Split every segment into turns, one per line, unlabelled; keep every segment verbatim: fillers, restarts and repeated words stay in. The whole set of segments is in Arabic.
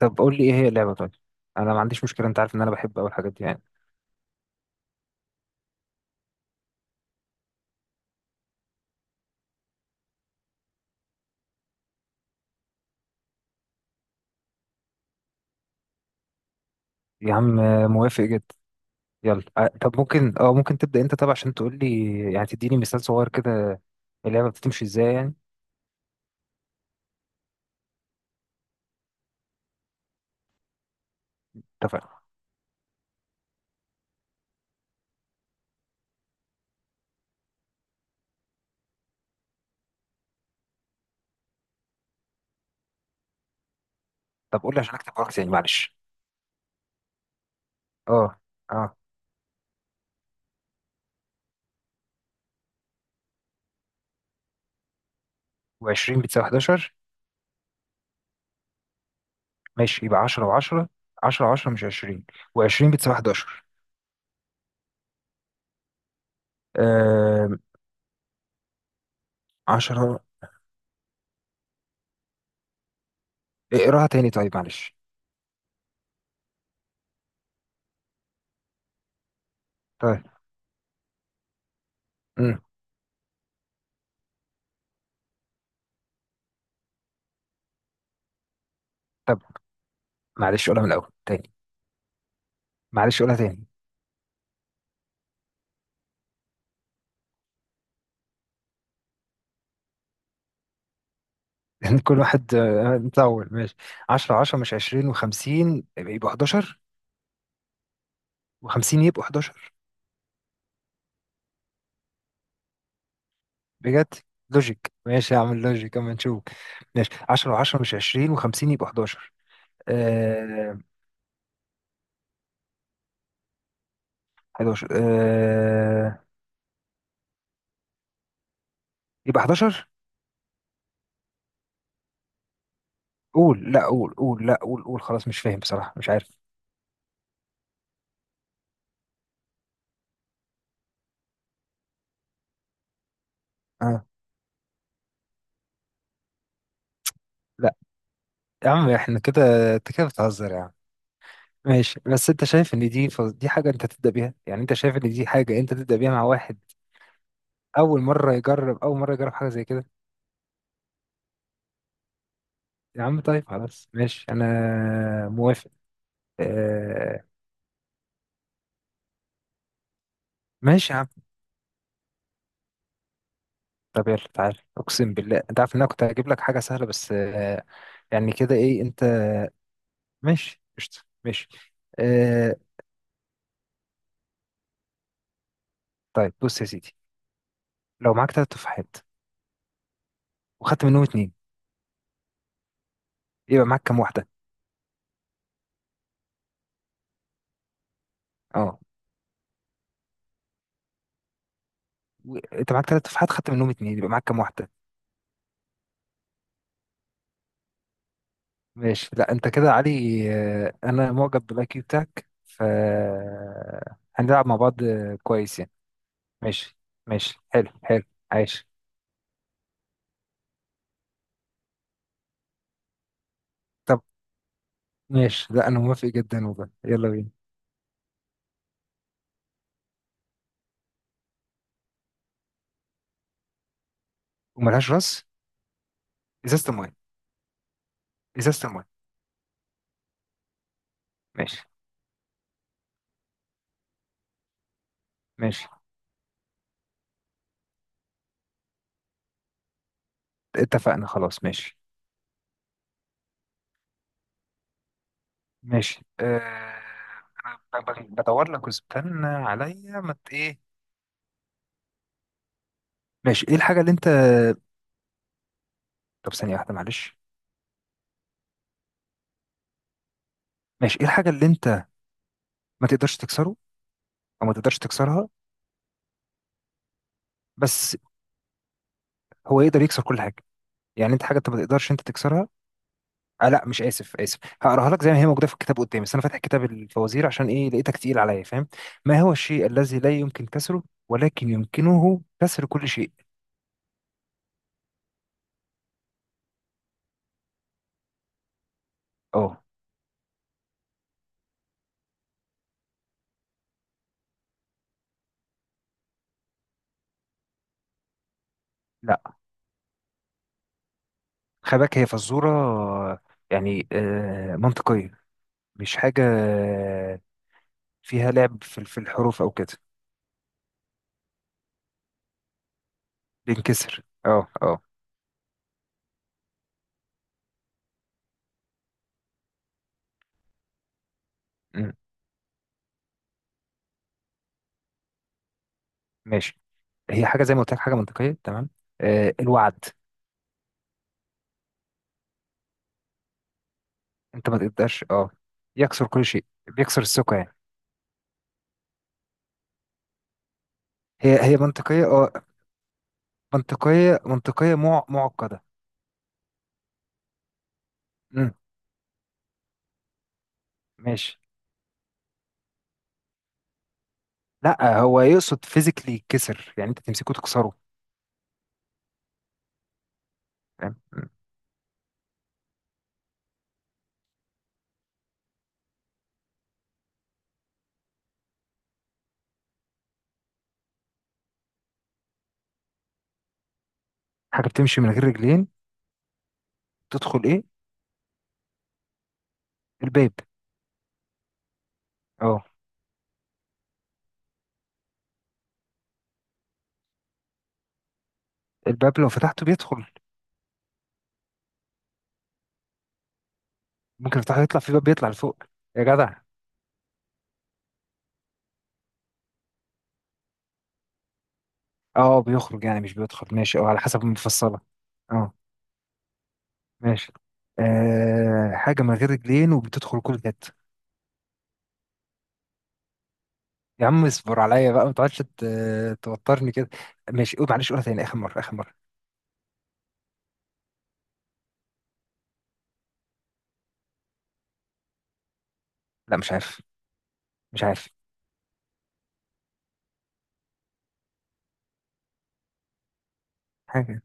طب قول لي ايه هي اللعبة؟ طيب انا ما عنديش مشكلة، انت عارف ان انا بحب اول حاجات دي يعني. يا عم آه، موافق جدا. يلا، آه، طب ممكن، اه ممكن تبدأ انت طبعا عشان تقول لي، يعني تديني مثال صغير كده. اللعبة بتمشي ازاي يعني؟ اتفقنا. طب قول لي عشان اكتب وراك تاني، معلش. اه. اه. و20 بتساوي أحد عشر. ماشي، يبقى عشرة وعشرة. عشرة وعشرة مش عشرين، وعشرين بتساوي أحد عشر. آه. عشرة. اقراها تاني طيب معلش. طيب. امم طب. معلش قولها من الاول تاني. معلش قولها تاني. يعني كل واحد آه، نطول، ماشي. عشرة عشرة مش عشرين وخمسين يبقوا أحد عشر. وخمسين يبقوا أحد عشر. بجد؟ لوجيك، ماشي هعمل لوجيك اما نشوف. ماشي، عشرة وعشرة مش عشرين و50 يبقوا احداشر. آه. احداشر، آه. يبقى أحد عشر. قول، لا قول، قول، لا قول، قول. خلاص مش فاهم بصراحة، مش عارف. آه. لا يا عم، احنا كده؟ انت كده بتهزر يا عم. ماشي، بس انت شايف ان دي ف... دي حاجة انت تبدأ بيها؟ يعني انت شايف ان دي حاجة انت تبدأ بيها مع واحد اول مرة يجرب، اول مرة يجرب حاجة زي كده؟ يا عم طيب خلاص ماشي، انا موافق. آه. ماشي يا عم. طب يلا تعالى، اقسم بالله انت عارف ان انا كنت هجيب لك حاجه سهله بس آه. يعني كده ايه انت. ماشي، قشطه، ماشي. آه. طيب بص يا سيدي، لو معاك ثلاث تفاحات وخدت منهم اتنين، يبقى معاك كام واحده؟ اه. و- انت معاك ثلاث تفاحات، خدت منهم اتنين، يبقى معاك كام واحده؟ ماشي، لا انت كده يا علي. آه انا معجب بالاي كيو بتاعك. ف هنلعب مع بعض آه، كويس يعني. ماشي. ماشي، حلو حلو. عايش. طب. ماشي، لا انا موافق جدا والله، يلا بينا. وملهاش راس. ازازه المايه. ازازه المايه. ماشي. ماشي. اتفقنا خلاص، ماشي. ماشي، أه... انا ب- ب- بدور لك، واستنى عليا ما ت- ايه. ماشي، ايه الحاجه اللي انت. طب ثانيه واحده معلش. ماشي، ايه الحاجه اللي انت ما تقدرش تكسره؟ او ما تقدرش تكسرها؟ بس هو يقدر يكسر كل حاجه. يعني انت حاجه انت ما تقدرش انت تكسرها. آه لا مش، اسف اسف، هقراها لك زي ما هي موجوده في الكتاب قدامي، بس انا فاتح كتاب الفوازير عشان ايه؟ لقيتك تقيل عليا، فاهم؟ ما هو الشيء الذي لا يمكن كسره ولكن يمكنه كسر كل شيء؟ اه. لا، خباك هي فزوره آه، يعني آه منطقيه، مش حاجه آه، فيها لعب في في الحروف او كده. بينكسر، اه اه. أمم، ماشي، هي حاجه زي ما قلت لك، حاجه منطقيه تمام. آه الوعد. انت ما تقدرش اه يكسر كل شيء، بيكسر الثقه يعني. هي هي منطقية اه، منطقية، منطقية، مع... معقدة. امم ماشي. لا، هو يقصد فيزيكلي يتكسر، يعني انت تمسكه تكسره، فاهم؟ مم. حاجة بتمشي من غير رجلين، تدخل ايه؟ الباب. اه، الباب لو فتحته بيدخل. ممكن تفتحه يطلع، في باب بيطلع لفوق يا جدع. اه بيخرج يعني، مش بيدخل، ماشي اه على حسب المفصلة. اه. ماشي. آه حاجة من غير رجلين وبتدخل كل جد. يا عم اصبر عليا بقى، ما تقعدش ت- توترني كده. ماشي، قول، معلش قولها تاني، اخر مرة اخر مرة. لا مش عارف، مش عارف. حاجة.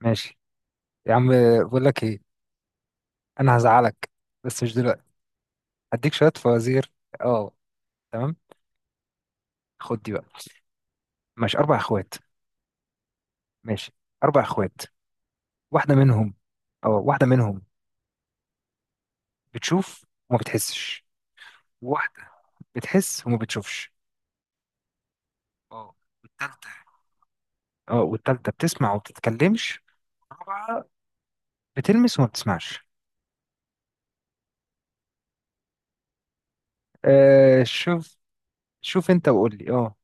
ماشي يا عم، بقول لك ايه، انا هزعلك بس مش دلوقتي. هديك شويه فوازير. اه. تمام. خد دي بقى. ماشي اربع اخوات. ماشي اربع اخوات. واحده منهم. اه، واحده منهم بتشوف وما بتحسش. واحده بتحس وما بتشوفش. اه، والتالتة. اه، والتالتة بتسمع وما بتتكلمش. الرابعه بتلمس وما بتسمعش. آه، شوف. شوف انت وقول لي اه.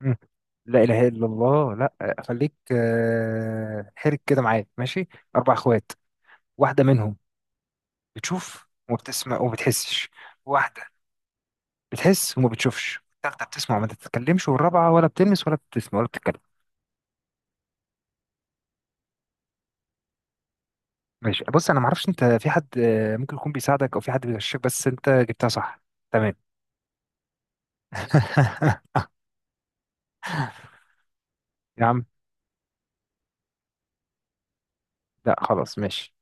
مم. لا إله إلا الله. لا خليك، آه، حرك كده معايا ماشي. أربع أخوات، واحدة منهم بتشوف وما بتسمع وما بتحسش. واحدة بتحس وما بتشوفش. التالتة بتسمع وما بتتكلمش. والرابعة ولا بتلمس ولا بتسمع ولا بتتكلم. ماشي بص، أنا معرفش أنت في حد آه، ممكن يكون بيساعدك أو في حد بيغشك، بس أنت جبتها صح. تمام. يا عم. لا خلاص ماشي.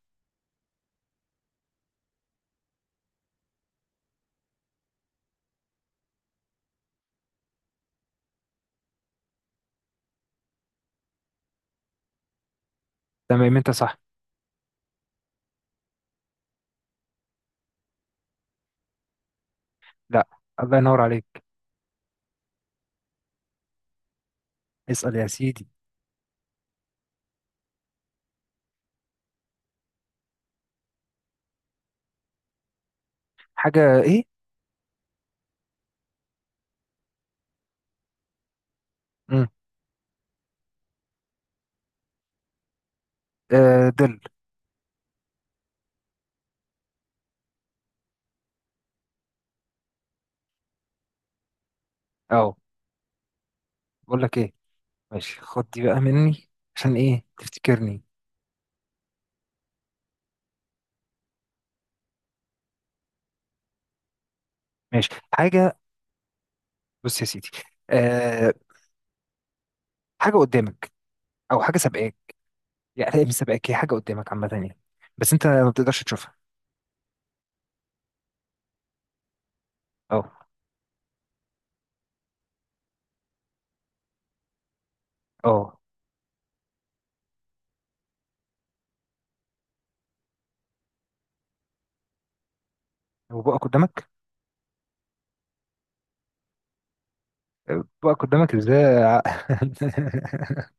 تمام. أنت صح. لا، الله ينور عليك. اسأل يا سيدي. حاجة إيه؟ مم. آه، ظل. أه. بقول لك إيه. ماشي خد دي بقى مني، عشان ايه تفتكرني. ماشي حاجة. بص يا سيدي، أه. حاجة قدامك، او حاجة سابقاك، يعني مش سابقاك، هي حاجة قدامك عامة يعني، بس انت ما بتقدرش تشوفها. اه. اه، وبقى قدامك. آه، بقى قدامك ازاي؟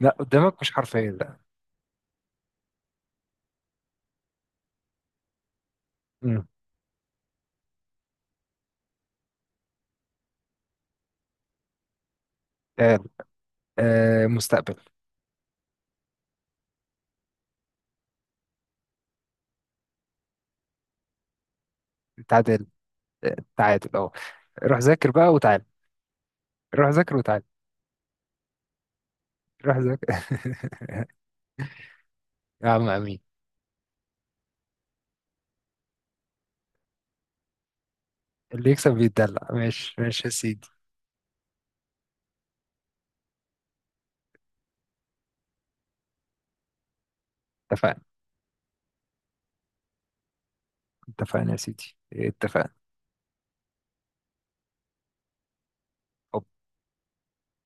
لا، قدامك مش حرفيا لا. مم. تعال. أه، مستقبل. تعادل. آه، تعادل اه. روح ذاكر بقى وتعال. روح ذاكر وتعال. روح ذاكر. يا عم امين. اللي يكسب بيتدلع، ماشي ماشي يا سيدي. اتفقنا. اتفقنا يا سيدي، اتفقنا.